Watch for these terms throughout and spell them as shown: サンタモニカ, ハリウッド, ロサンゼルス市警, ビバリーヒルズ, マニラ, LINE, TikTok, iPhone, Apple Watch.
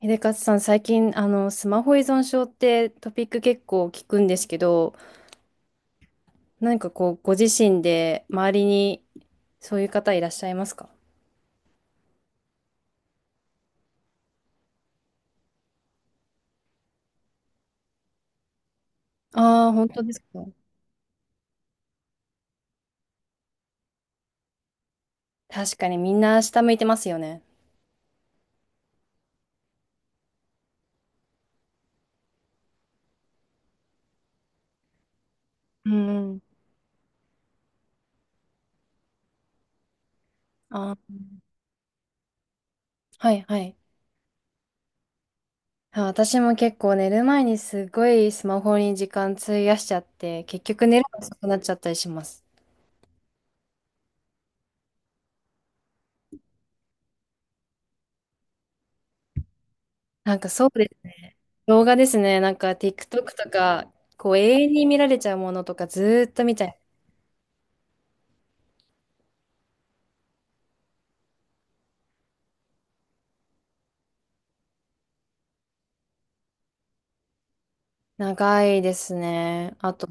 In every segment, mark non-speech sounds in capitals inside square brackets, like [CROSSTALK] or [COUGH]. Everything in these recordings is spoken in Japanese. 秀勝さん、最近、スマホ依存症ってトピック結構聞くんですけど、何かこう、ご自身で周りにそういう方いらっしゃいますか？ああー、本当ですか。確かにみんな下向いてますよね。うんうん。あー、はいはい。あ、私も結構寝る前にすごいスマホに時間費やしちゃって、結局寝るの遅くなっちゃったりします。なんかそうですね。動画ですね。なんか TikTok とか、こう永遠に見られちゃうものとかずーっと見ちゃい。長いですね。あと、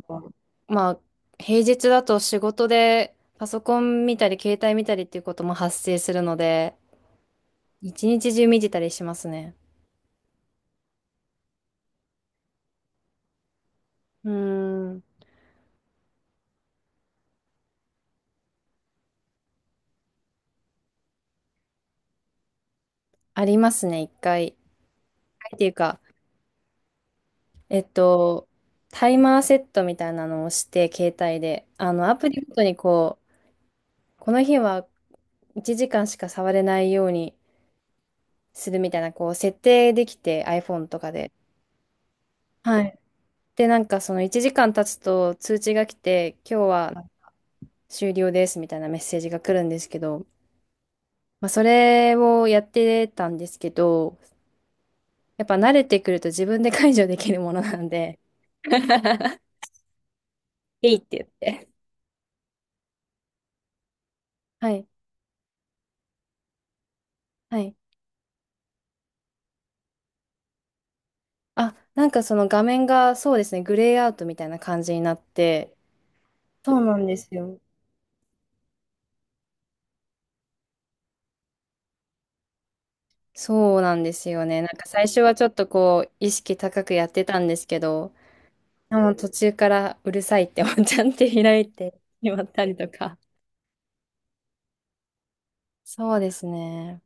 まあ、平日だと仕事でパソコン見たり、携帯見たりっていうことも発生するので、一日中見てたりしますね。うーん、ありますね、一回。一回っていうか、えっと、タイマーセットみたいなのをして、携帯で、アプリごとにこう、この日は1時間しか触れないようにするみたいな、こう、設定できて、iPhone とかで。はい。で、なんかその1時間経つと通知が来て、今日は終了ですみたいなメッセージが来るんですけど、まあそれをやってたんですけど、やっぱ慣れてくると自分で解除できるものなんで、[LAUGHS] えいって言って。はい、はい。あ、なんかその画面がそうですね、グレーアウトみたいな感じになって、そうなんですよ。そうなんですよね。なんか最初はちょっとこう、意識高くやってたんですけど、もう途中からうるさいってワンちゃんって開いてしまったりとか。そうですね。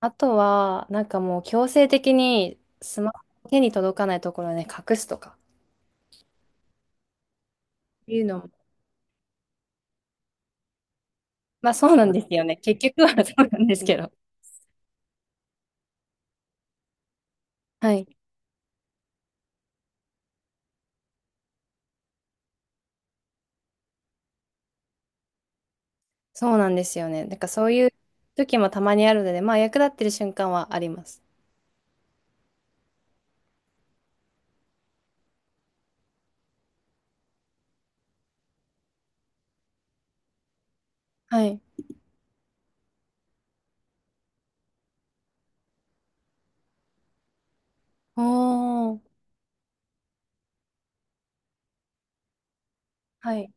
あとは、なんかもう強制的にスマホ手に届かないところで隠すとかっていうのも、まあそうなんですよね。結局は [LAUGHS] そうなんですけど。はい。そうなんですよね。なんかそういう時もたまにあるので、まあ役立ってる瞬間はあります。はい。おー。はい。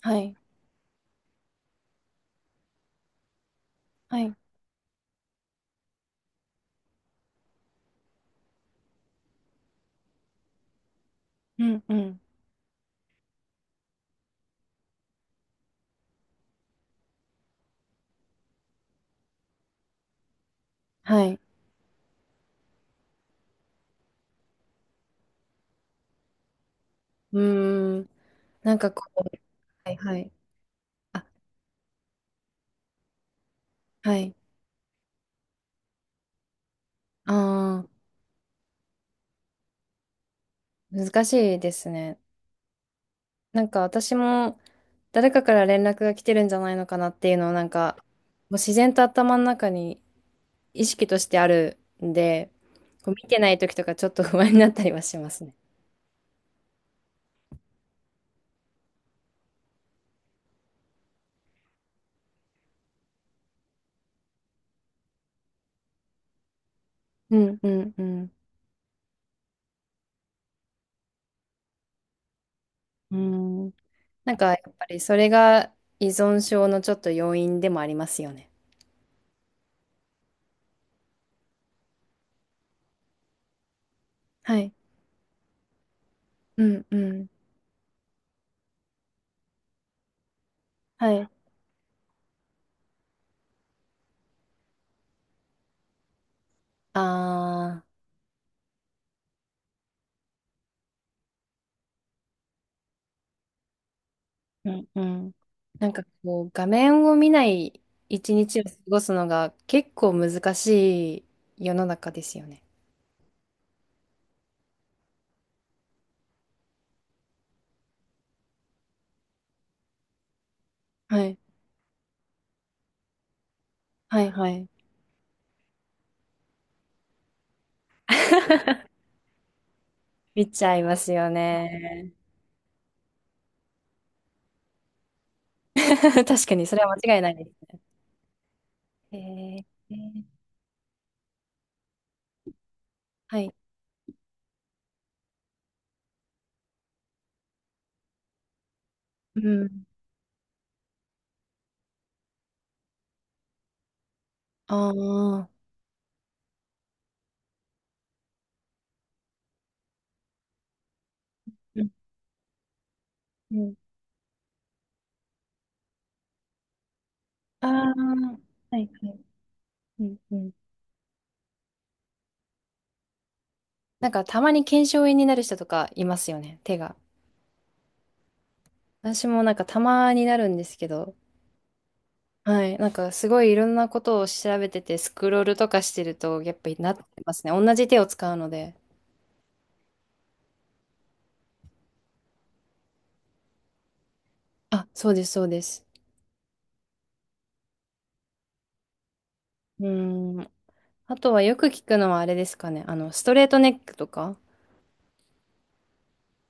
はい。はい。うんうん。はい。うーん。なんかこう、はいはい。あ、はい。ああ。難しいですね。なんか私も誰かから連絡が来てるんじゃないのかなっていうのをなんかもう自然と頭の中に意識としてあるんで、こう見てない時とかちょっと不安になったりはしますね。うんうんうん。うん。なんかやっぱりそれが依存症のちょっと要因でもありますよね。はい。うんうん。はい。ああ。うんうん。なんかこう、画面を見ない一日を過ごすのが結構難しい世の中ですよね。はい。はいはい。[LAUGHS] 見ちゃいますよね。[LAUGHS] 確かに、それは間違いないですね。えー、はい。うん。ああ。うんうん。ああ。はいはい。うんうん。なんか、たまに腱鞘炎になる人とかいますよね、手が。私もなんかたまになるんですけど、はい。なんかすごいいろんなことを調べてて、スクロールとかしてると、やっぱりなってますね。同じ手を使うので。あ、そうです、そうです。うーん。あとはよく聞くのはあれですかね。ストレートネックとか、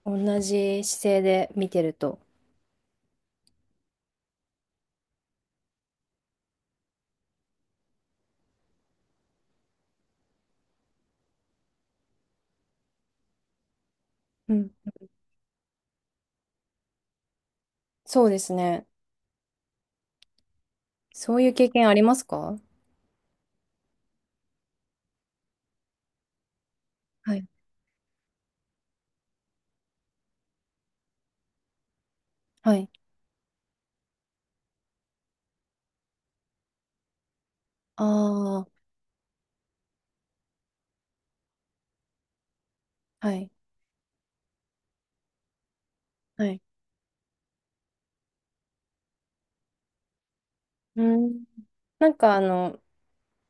同じ姿勢で見てると。うん。そうですね。そういう経験ありますか？はい。はい。ああ、はい。はい。うん。なんか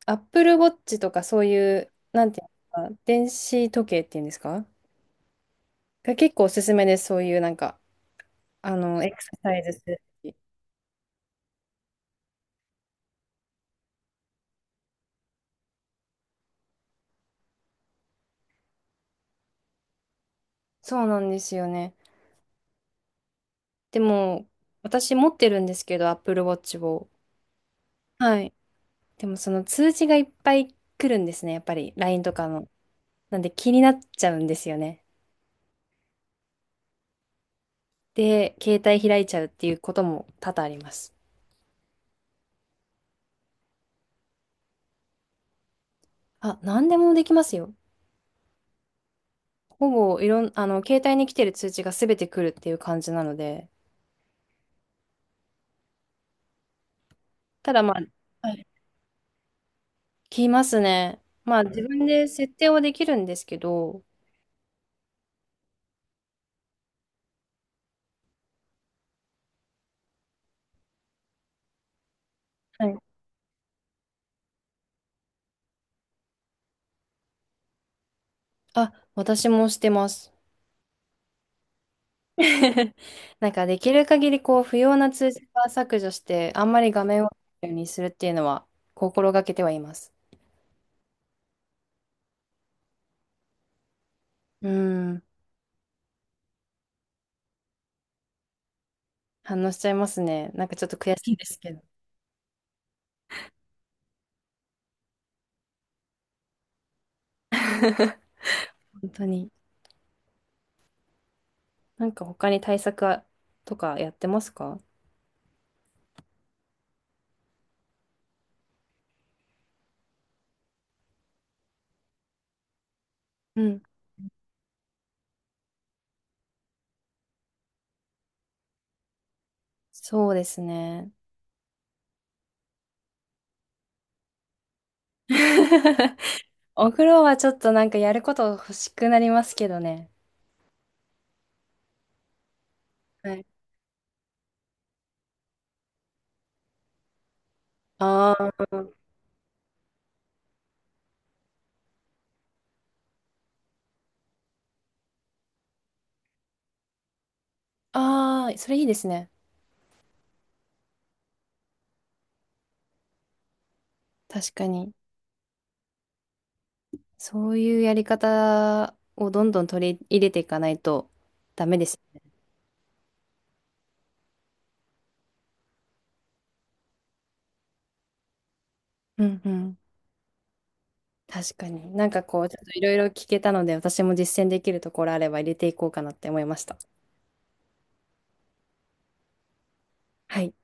Apple Watch とかそういう、なんていうんですか、電子時計っていうんですか、が結構おすすめです。そういうなんか、エクササイズするし。そうなんですよね。でも、私持ってるんですけど、Apple Watch を。はい。でも、その通知がいっぱい来るんですね、やっぱり、LINE とかの。なんで気になっちゃうんですよね。で、携帯開いちゃうっていうことも多々あります。あ、何でもできますよ。ほぼ、いろん、携帯に来てる通知が全て来るっていう感じなので。ただ、まあ、はい、来ますね。まあ、自分で設定はできるんですけど、はい、あ、私もしてます。[LAUGHS] なんかできる限りこう不要な通知は削除して、あんまり画面を見るようにするっていうのは心がけてはいます。うん、反応しちゃいますね。なんかちょっと悔しいですけど。[LAUGHS] 本当に。なんか他に対策はとかやってますか？うん。そうですね。[LAUGHS] お風呂はちょっとなんかやること欲しくなりますけどね。はい。ああ、ああ、それいいですね。確かに。そういうやり方をどんどん取り入れていかないとダメです。うんうん。確かに。なんかこう、ちょっといろいろ聞けたので、私も実践できるところあれば入れていこうかなって思いました。はい。